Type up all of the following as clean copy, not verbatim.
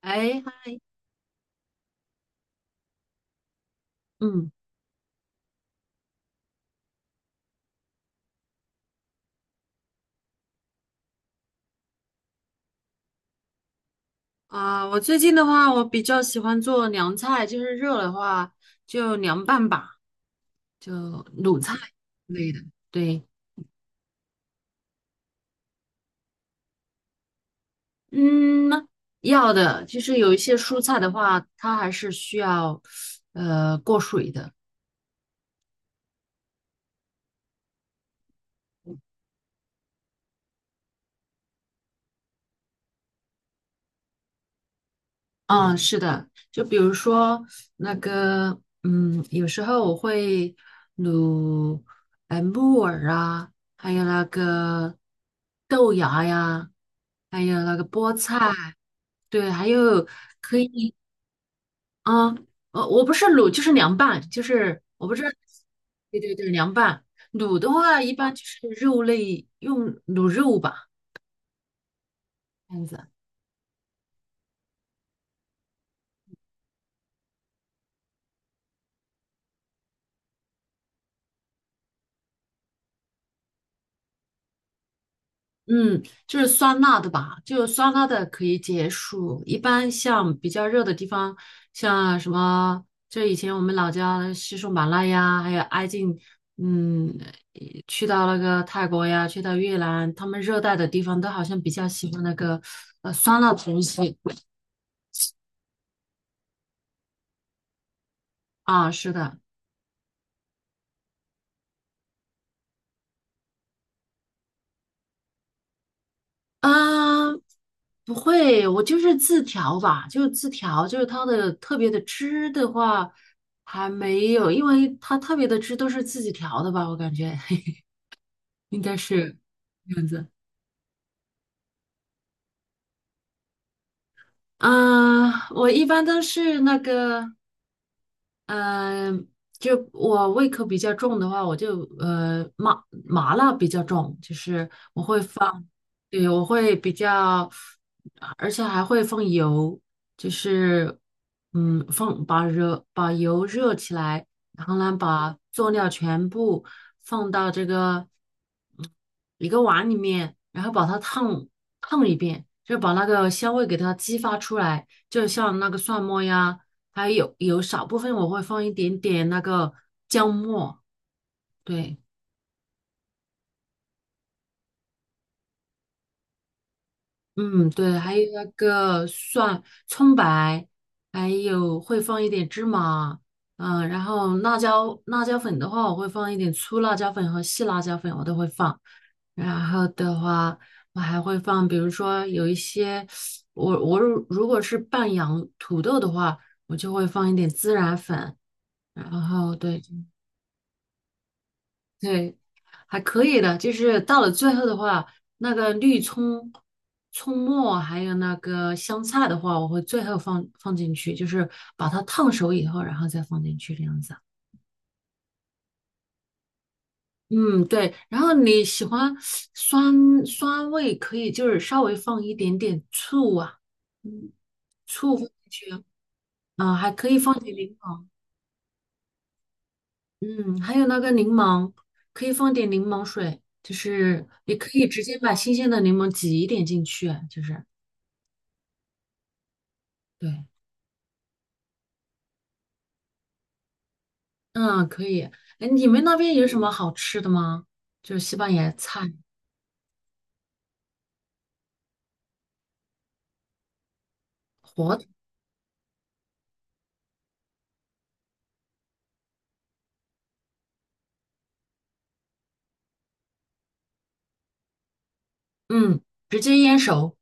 哎，嗨嗯，啊，我最近的话，我比较喜欢做凉菜，就是热的话就凉拌吧，就卤菜之类的。对，嗯，要的，就是有一些蔬菜的话，它还是需要过水的。嗯，是的，就比如说那个，嗯，有时候我会卤木耳啊，还有那个豆芽呀，还有那个菠菜。对，还有，嗯，我不是卤，就是凉拌，就是我不知道，对对对，凉拌。卤的话，一般就是肉类用卤肉吧，这样子。嗯，就是酸辣的吧，就酸辣的可以解暑。一般像比较热的地方，像什么，就以前我们老家的西双版纳呀，还有挨近，嗯，呃去到那个泰国呀，去到越南，他们热带的地方都好像比较喜欢那个酸辣的东西。啊，是的，嗯，不会，我就是自调吧，就是字条，就是它的特别的汁的话还没有，因为它特别的汁都是自己调的吧，我感觉 应该是这样子。啊，我一般都是那个，嗯，就我胃口比较重的话，我就麻辣比较重，就是我会放，对，我会比较，而且还会放油，就是嗯放把油热起来，然后呢把佐料全部放到这个嗯一个碗里面，然后把它烫一遍，就把那个香味给它激发出来，就像那个蒜末呀。还有有少部分我会放一点点那个姜末，对，嗯，对，还有那个蒜、葱白，还有会放一点芝麻，然后辣椒粉的话，我会放一点粗辣椒粉和细辣椒粉，我都会放。然后的话，我还会放，比如说有一些，我如果是拌洋土豆的话，我就会放一点孜然粉，然后对。对，还可以的，就是到了最后的话，那个绿葱、葱末还有那个香菜的话，我会最后放进去，就是把它烫熟以后，然后再放进去这样子。嗯，对。然后你喜欢酸酸味，可以就是稍微放一点点醋啊，嗯，醋放进去啊，啊，还可以放点柠檬。嗯，还有那个柠檬，可以放点柠檬水，就是也可以直接把新鲜的柠檬挤一点进去啊，就是对，嗯，可以。哎，你们那边有什么好吃的吗？就是西班牙菜，火腿，嗯，直接腌熟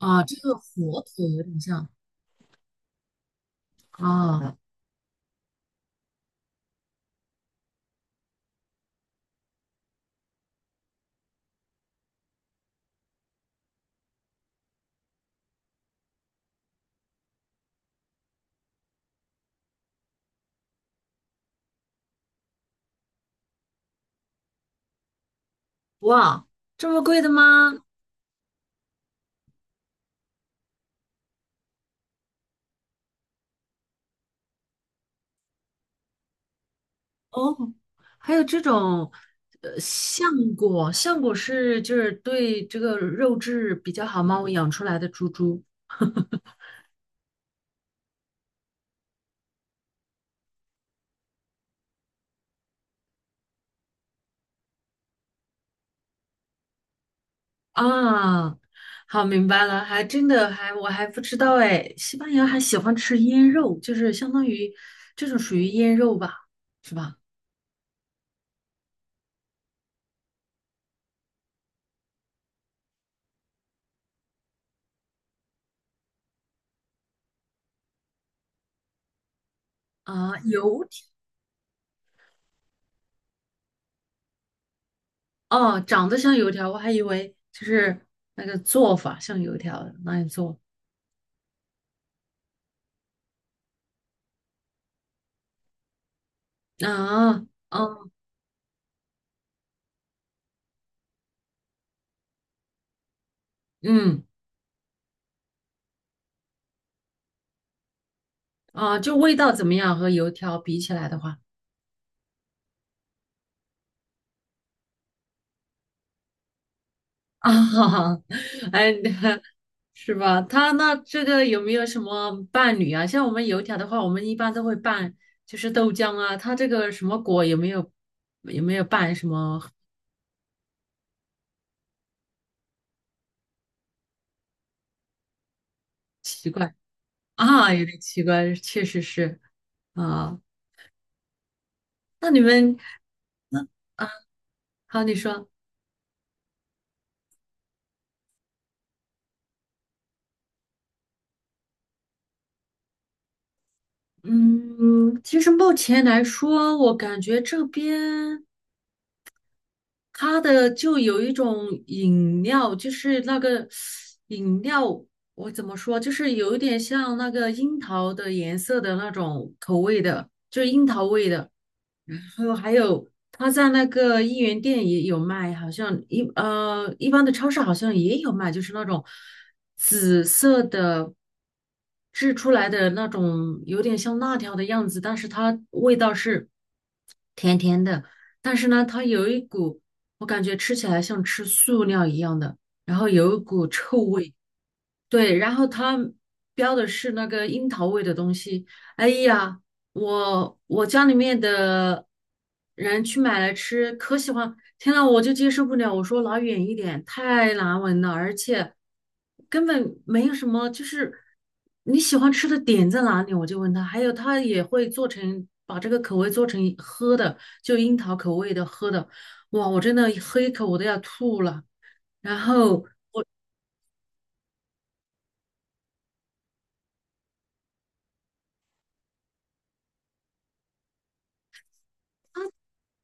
啊，这个火腿有点像啊，哇，这么贵的吗？哦，还有这种。呃，橡橡果是就是对这个肉质比较好嘛，我养出来的猪猪。啊，好，明白了，还真的还我还不知道哎，西班牙还喜欢吃腌肉，就是相当于这种属于腌肉吧，是吧？啊，油条哦，长得像油条，我还以为就是那个做法像油条那样做啊，哦，嗯，啊，就味道怎么样和油条比起来的话，啊，哎，是吧？他那这个有没有什么伴侣啊？像我们油条的话，我们一般都会拌，就是豆浆啊。他这个什么果有没有拌什么奇怪啊？有点奇怪，确实是啊。那你们啊，好，你说，嗯，其实目前来说，我感觉这边。它的就有一种饮料，就是那个饮料，我怎么说，就是有一点像那个樱桃的颜色的那种口味的，就是樱桃味的。然后还有它在那个一元店也有卖，好像一般的超市好像也有卖，就是那种紫色的制出来的那种，有点像辣条的样子，但是它味道是甜甜的，但是呢，它有一股。我感觉吃起来像吃塑料一样的，然后有一股臭味。对，然后他标的是那个樱桃味的东西。哎呀，我家里面的人去买来吃，可喜欢。天呐，我就接受不了。我说拿远一点，太难闻了，而且根本没有什么，就是你喜欢吃的点在哪里，我就问他。还有他也会做成把这个口味做成喝的，就樱桃口味的喝的。哇，我真的喝一口我都要吐了。然后。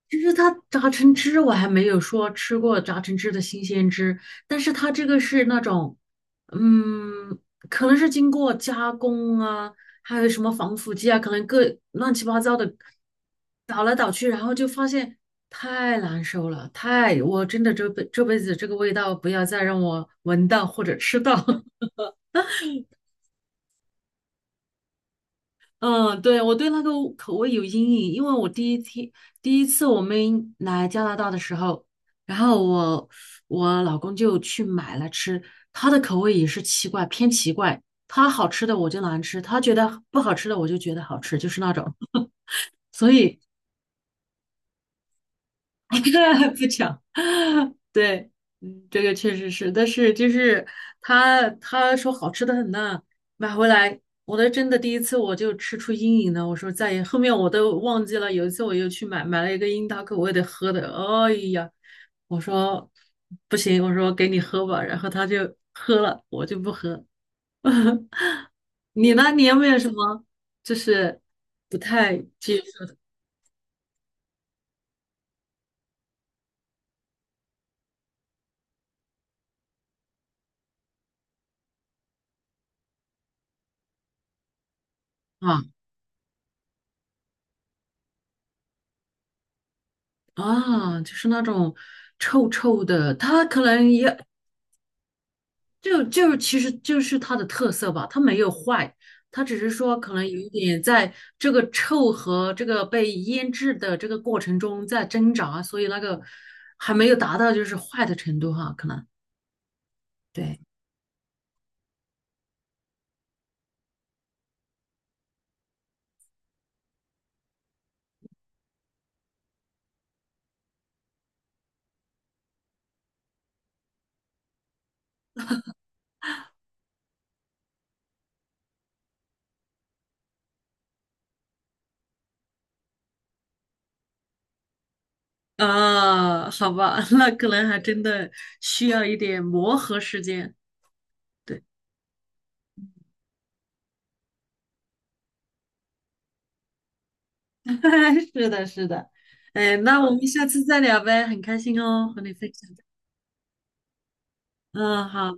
就是它榨成汁我还没有说吃过榨成汁的新鲜汁，但是它这个是那种，嗯，可能是经过加工啊，还有什么防腐剂啊，可能各乱七八糟的倒来倒去，然后就发现太难受了，太，我真的这辈子这个味道不要再让我闻到或者吃到。嗯，对，我对那个口味有阴影，因为我第一次我们来加拿大的时候，然后我老公就去买了吃，他的口味也是奇怪，偏奇怪，他好吃的我就难吃，他觉得不好吃的我就觉得好吃，就是那种，所以 不讲，对，嗯，这个确实是，但是就是他说好吃的很呐，买回来，我都真的第一次我就吃出阴影了，我说再也后面我都忘记了，有一次我又去买了一个樱桃口味的喝的，哎呀，我说不行，我说给你喝吧，然后他就喝了，我就不喝。你呢？你有没有什么就是不太接受的啊？啊，就是那种臭臭的，它可能也就是其实就是它的特色吧，它没有坏，它只是说可能有一点在这个臭和这个被腌制的这个过程中在挣扎，所以那个还没有达到就是坏的程度哈，可能对啊，好吧，那可能还真的需要一点磨合时间。对，是的，是的。哎，那我们下次再聊呗，很开心哦，和你分享。嗯，好。